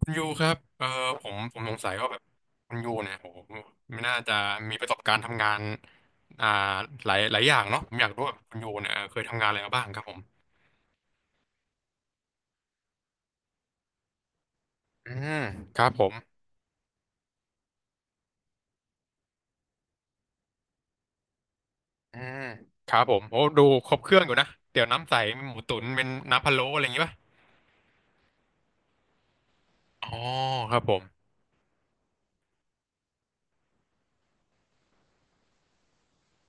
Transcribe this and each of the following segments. คุณยูครับผมสงสัยว่าแบบคุณยูเนี่ยโอ้โหไม่น่าจะมีประสบการณ์ทำงานอ่าหลายหลายอย่างเนาะผมอยากรู้ว่าคุณยูเนี่ยเคยทำงานอะไรมาบ้างครับผมอืมครับผมอืมครับผมโอ้ดูครบเครื่องอยู่นะเตี๋ยวน้ำใสมีหมูตุ๋นเป็นน้ำพะโล้อะไรอย่างงี้ป่ะอ๋อครับผม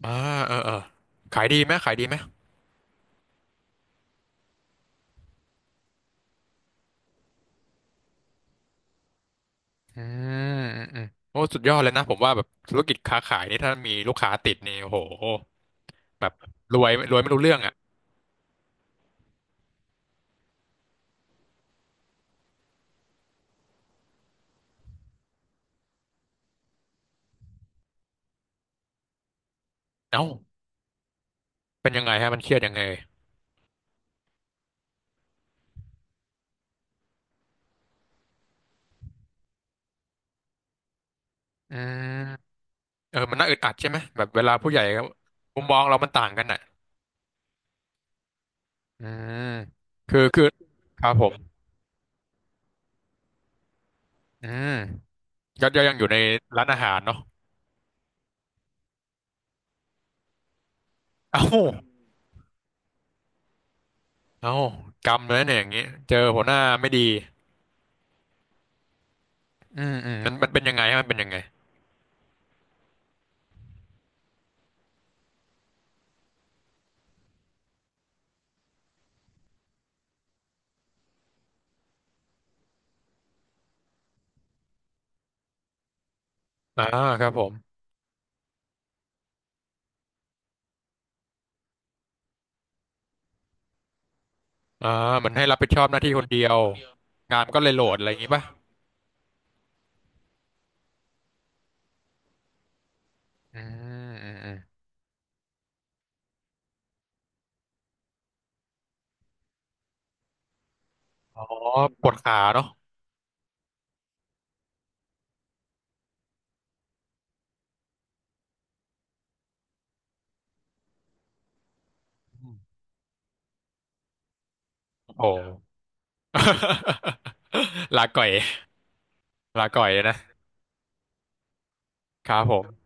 อ่าเออเออขายดีไหมขายดีไหมอืมอืมอืมโอ้สุดยอดเลยนะผมว่าแบบธุรกิจค้าขายนี่ถ้ามีลูกค้าติดนี่โอ้โหแบบรวยรวยไม่รู้เรื่องอ่ะเอ้า เป็นยังไงฮะมันเครียดยังไงอืมเออมันน่าอึดอัดใช่ไหมแบบเวลาผู้ใหญ่ก็มุมมองเรามันต่างกันอ่ะอืมคือครับผมอืมก็ยังอยู่ในร้านอาหารเนาะเอ้าเอ้ากรรมเลยเนี่ยอย่างงี้เจอหัวหน้าไม่ดีอืมอืมมันมันเป็นยังไงฮะมันเป็นยังไงอ่าครับผมอ่าเหมือนให้รับผิดชอบหน้าที่คนเดียวงานมันก็เลยโหลดอะไรอย่างงี้ป่ะอืมอืมอืมอ๋อปวดขาเนาะอืมโอ้โห ลาก่อยลาก่อยนะ ครับผม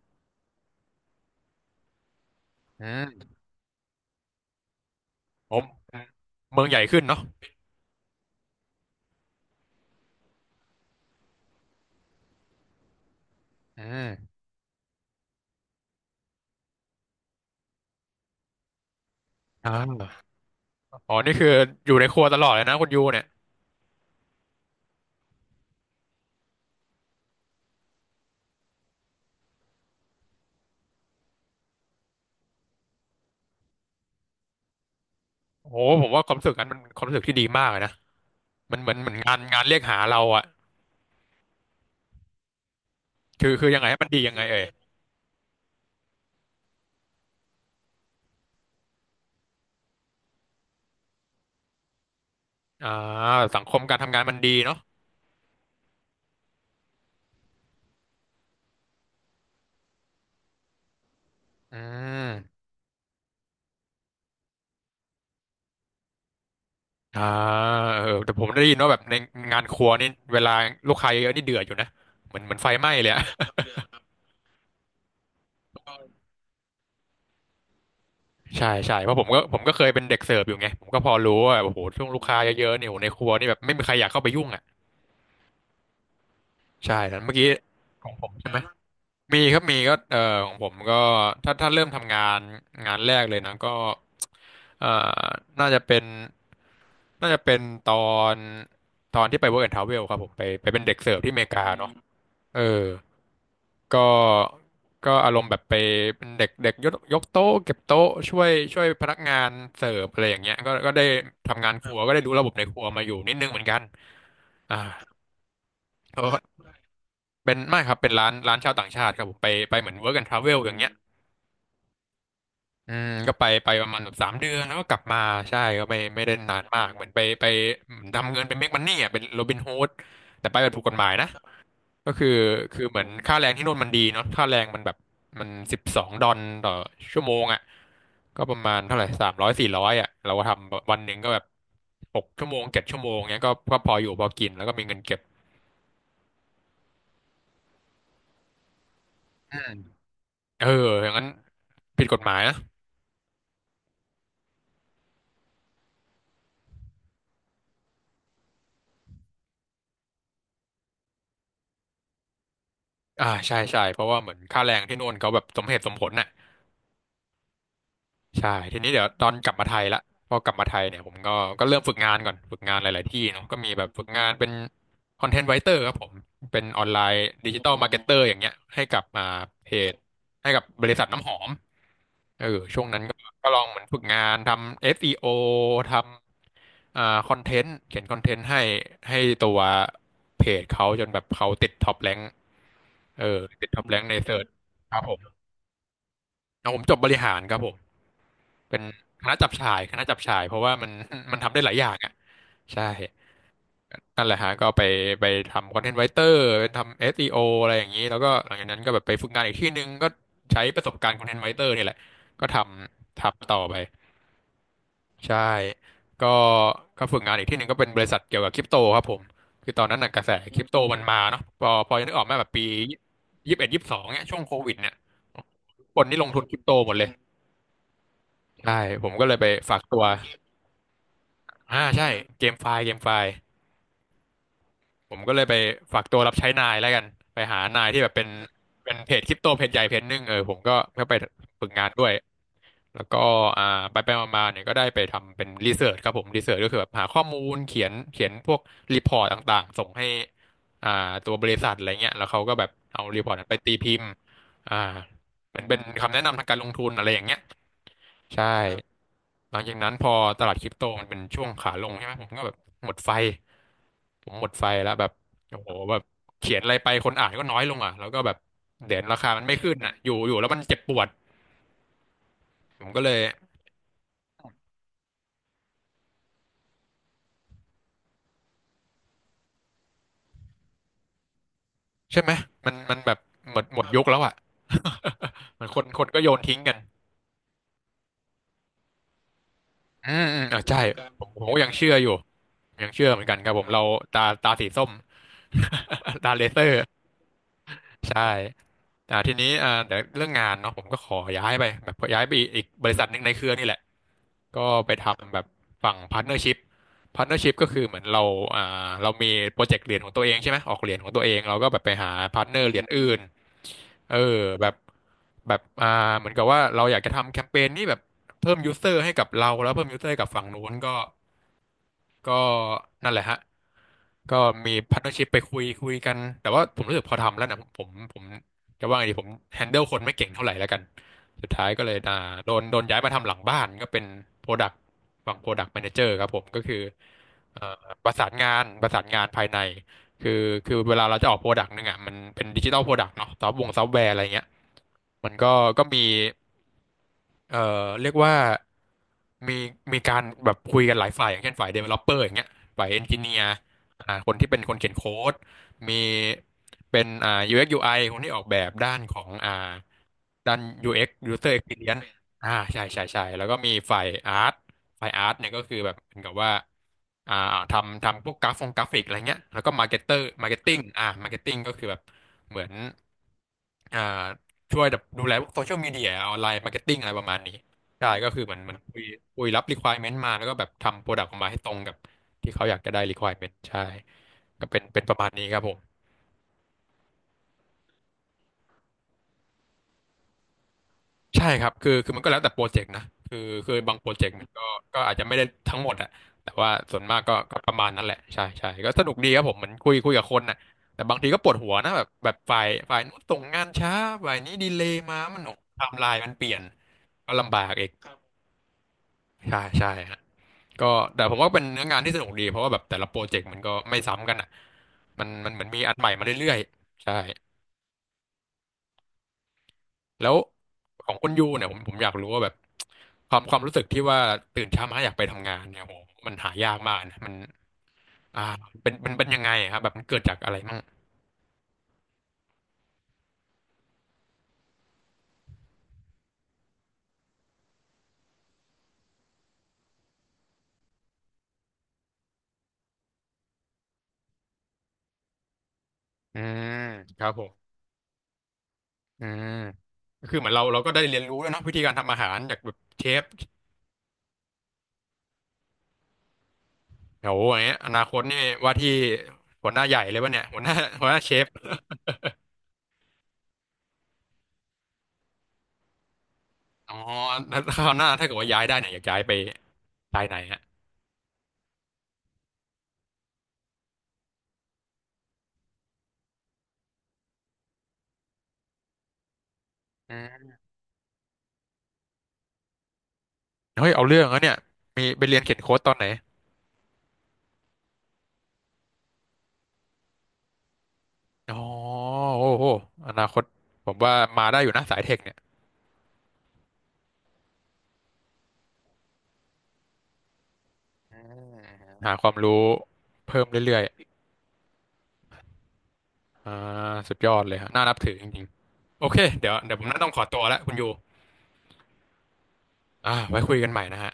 อืมผมเมืองใหญ่ขึ้นเนาะอืมอ่าอ๋อนี่คืออยู่ในครัวตลอดเลยนะคุณยูเนี่ยโอ้โหผมว่าความรู้สึกนั้นมันความรู้สึกที่ดีมากเลยนะมันเหมือนงานงานเรียกหาเราอะคือยังไงให้มันดียังไงเอ่ยอ่าสังคมการทำงานมันดีเนาะอืมอ่าเออแต่ผมได้ยินว่าแบบในงานครัวนี่เวลาลูกค้าเยอะๆนี่เดือดอยู่นะเหมือนไฟไหม้เลยอะใช่ใช่เพราะผมก็เคยเป็นเด็กเสิร์ฟอยู่ไงผมก็พอรู้ว่าโอ้โหช่วงลูกค้าเยอะๆเนี่ยโอ้โหในครัวนี่แบบไม่มีใครอยากเข้าไปยุ่งอะ ใช่แล้วเมื่อกี้ของผมใช่ไหมมีครับมีก็ของผมก็ถ้าเริ่มทำงานงานแรกเลยนะก็เอ่อน่าจะเป็นน่าจะเป็นตอนตอนที่ไป Work and Travel ครับผมไปเป็นเด็กเสิร์ฟที่อเมริกาเนาะเออก็ก็อารมณ์แบบไปเป็นเด็กเด็กยกโต๊ะเก็บโต๊ะช่วยพนักงานเสิร์ฟอะไรอย่างเงี้ยก็ได้ทำงานครัวก็ได้รู้ระบบในครัวมาอยู่นิดนึงเหมือนกันอ่าก็ เป็นไม่ครับเป็นร้านร้านชาวต่างชาติครับผมไปเหมือน work and travel อย่างเงี้ยอืมก็ไปประมาณแบบสามเดือนแล้วก็กลับมาใช่ก็ไม่ได้นานมากเหมือนไปทำเงินเป็นเมกมันนี่อ่ะเป็นโรบินฮูดแต่ไปแบบถูกกฎหมายนะก็คือเหมือนค่าแรงที่โนู่นมันดีเนาะค่าแรงมันแบบมันสิบสองดอลต่อชั่วโมงอ่ะก็ประมาณเท่าไหร่สามร้อยสี่ร้อยอ่ะเราก็ทำวันหนึ่งก็แบบหกชั่วโมงเจ็ดชั่วโมงเงี้ยก็พออยู่พอกินแล้วก็มีเงินเก็บเอออย่างนั้นผิดกฎหมายนะ ใช่ใช่เพราะว่าเหมือนค่าแรงที่โน่นเขาแบบสมเหตุสมผลน่ะ ใช่ทีนี้เดี๋ยวตอนกลับมาไทยละพอกลับมาไทยเนี่ยผมก็ก็เริ่มฝึกงานก่อนฝึกงานหลายๆที่เนาะก็มีแบบฝึกงานเป็นคอนเทนต์ไ i เตอร์ครับผมเป็นออนไลน์ดิจิตอลมาร์เก็ตเตอร์อย่างเงี้ยให้กับเพจให้กับบริษัทน้ำหอมเออช่วงนั้นก็ก็ลองเหมือนฝึกงานทำ SEO ทำคอนเทนต์เขียนคอนเทนต์ให้ตัวเพจเขาจนแบบเขาติดท็อปแรงเออติดท็อปแรงในเสิร์ชครับผมแล้วผมจบบริหารครับผม เป็นคณะจับฉ่ายคณะจับฉ่ายเพราะว่ามัน มันทำได้หลายอย่างอ่ะใช่นั่นแหละฮะก็ไปไปทำคอนเทนต์ไ i เตอร์ไปทำ SEO อสอีโออะไรอย่างนี้แล้วก็หลังจากนั้นก็แบบไปฝึกงานอีกที่หนึ่งก็ใช้ประสบการณ์คอนเทนต์ไ i เตอร์นี่แหละก็ทำต่อไปใช่ก็ก็ฝึกงานอีกที่หนึ่งก็เป็นบริษัทเกี่ยวกับคริปโตครับผมคือตอนนั้นน่ะกระแสคริปโตมันมาเนาะพอจะนึกออกไหมแบบปียี่สิบเอ็ดยี่สิบสองเนี่ยช่วงโควิดเนี่ยคนนี่ลงทุนคริปโตหมดเลยใช่ผมก็เลยไปฝากตัว ใช่เกมไฟล์ผมก็เลยไปฝากตัวรับใช้นายแล้วกันไปหานายที่แบบเป็นเพจคริปโตเพจใหญ่เพจหนึ่งเออผมก็ไปฝึกงานด้วยแล้วก็อ่าไปมาๆเนี่ยก็ได้ไปทำเป็นรีเสิร์ชครับผมรีเสิร์ชก็คือแบบหาข้อมูลเขียนพวกรีพอร์ตต่างๆส่งให้อ่าตัวบริษัทอะไรเงี้ยแล้วเขาก็แบบเอารีพอร์ตนั้นไปตีพิมพ์อ่าเหมือนเป็นคำแนะนำทางการลงทุนอะไรอย่างเงี้ย ใช่หลังจากนั้นพอตลาดคริปโตมันเป็นช่วงขาลงใช่ไหมผมก็แบบหมดไฟผมหมดไฟแล้วแบบโอ้โหแบบเขียนอะไรไปคนอ่านก็น้อยลงอ่ะแล้วก็แบบเหรียญราคามันไม่ขึ้นอ่ะอยู่แล้วมันเจ็บปวดผมก็เลยใช่ไหมมันแบบหมดยุคแล้วอ่ะ มันคนก็โยนทิ้งกันอืมอ่ะใช่กผมเก็ยังเชื่ออยู่ยังเชื่อเหมือนกันครับผมเราตาสีส้ม ตาเลเซอร์ ใช่ทีนี้เดี๋ยวเรื่องงานเนาะผมก็ขอย้ายไปแบบย้ายไปอีกบริษัทหนึ่งในเครือนี่แหละ ก็ไปทำแบบฝั่งพาร์ทเนอร์ชิพพาร์ทเนอร์ชิพก็คือเหมือนเราอ่าเรามีโปรเจกต์เหรียญของตัวเองใช่ไหมออกเหรียญของตัวเองเราก็แบบไปหาพาร์ทเนอร์เหรียญอื่นเออแบบแบบอ่าเหมือนกับว่าเราอยากจะทำแคมเปญนี้แบบเพิ่มยูเซอร์ให้กับเราแล้วเพิ่มยูเซอร์ให้กับฝั่งนู้นก็ ก็นั่นแหละฮะก็มีพาร์ทเนอร์ชิพไปคุยกันแต่ว่าผมรู้สึกพอทำแล้วนะผมจะว่าไงดีผมแฮนเดิลคนไม่เก่งเท่าไหร่แล้วกันสุดท้ายก็เลยโดนย้ายมาทำหลังบ้านก็เป็นโปรดักต์ฝั่งโปรดักต์แมเนเจอร์ครับผมก็คือเอ่อประสานงานภายในคือคือเวลาเราจะออกโปรดักต์นึงอ่ะมันเป็นดิจิตอลโปรดักต์เนาะซอฟต์แวร์อะไรเงี้ยมันก็ก็มี เอ่อเรียกว่ามีการแบบคุยกันหลายฝ่ายอย่างเช่นฝ่าย developer อย่างเงี้ยฝ่าย engineer คนที่เป็นคนเขียนโค้ดมีเป็นUX UI คนที่ออกแบบด้านของด้าน UX User Experience ใช่ใช่แล้วก็มีฝ่ายอาร์ตฝ่ายอาร์ตเนี่ยก็คือแบบเหมือนกับว่าอ่าทำพวกกราฟงกราฟิกอะไรเงี้ยแล้วก็มาร์เก็ตเตอร์มาร์เก็ตติ้งมาร์เก็ตติ้งก็คือแบบเหมือนอ่า ช่วยแบบดูแลพวกโซเชียลมีเดียออนไลน์มาร์เก็ตติ้งอะไรประมาณนี้ใช่ก็คือเหมันคุยรับ requirement มาแล้วก็แบบทำโปรดักต์ออกมาให้ตรงกับที่เขาอยากจะได้ requirement ใช่ก็เป็นประมาณนี้ครับผมใช่ครับคือมันก็แล้วแต่โปรเจกต์นะคือบางโปรเจกต์มันก็ก็อาจจะไม่ได้ทั้งหมดอะแต่ว่าส่วนมากก็ก็ประมาณนั้นแหละใช่ใช่ก็สนุกดีครับผมเหมือนคุยกับคนน่ะแต่บางทีก็ปวดหัวนะแบบฝ่ายนู้นส่งงานช้าฝ่ายนี้ดีเลย์มามันไทม์ไลน์มันเปลี่ยนก็ลำบากอีกใช่ใช่ฮะ ก็แต่ผมว่าเป็นเนื้องานที่สนุกดีเพราะว่าแบบแต่ละโปรเจกต์มันก็ไม่ซ้ำกันอ่ะมันเหมือนมีอันใหม่มาเรื่อยๆใช่แล้วของคุณยูเนี่ยผมอยากรู้ว่าแบบความรู้สึกที่ว่าตื่นเช้ามาอยากไปทำงานเนี่ยโหมันหายากมากนะมันอ่าเป็นยังไงอะครับแบบมันเกิดจากอะไรมั่งอืมครับผมอืมก็คือเหมือนเราก็ได้เรียนรู้แล้วยเนาะวิธีการทำอาหารจากแบบเชฟโหอย่างเงี้ยอนาคตนี่ว่าที่หัวหน้าใหญ่เลยป่ะเนี่ยหัวหน้าเชฟ อ๋อแล้วคราวหน้าถ้าเกิดว่าย้ายได้เนี่ยอยากย้ายไปสายไหนฮะอืมเฮ้ยเอาเรื่องนะเนี่ยมีไปเรียนเขียนโค้ดตอนไหนอ๋อโอ้โหอนาคตผมว่ามาได้อยู่นะสายเทคเนี่ยหาความรู้เพิ่มเรื่อยๆอ่าสุดยอดเลยฮะน่านับถือจริงๆโอเคเดี๋ยวผมน่าต้องขอตัวแล้วคุณยูอ่าไว้คุยกันใหม่นะฮะ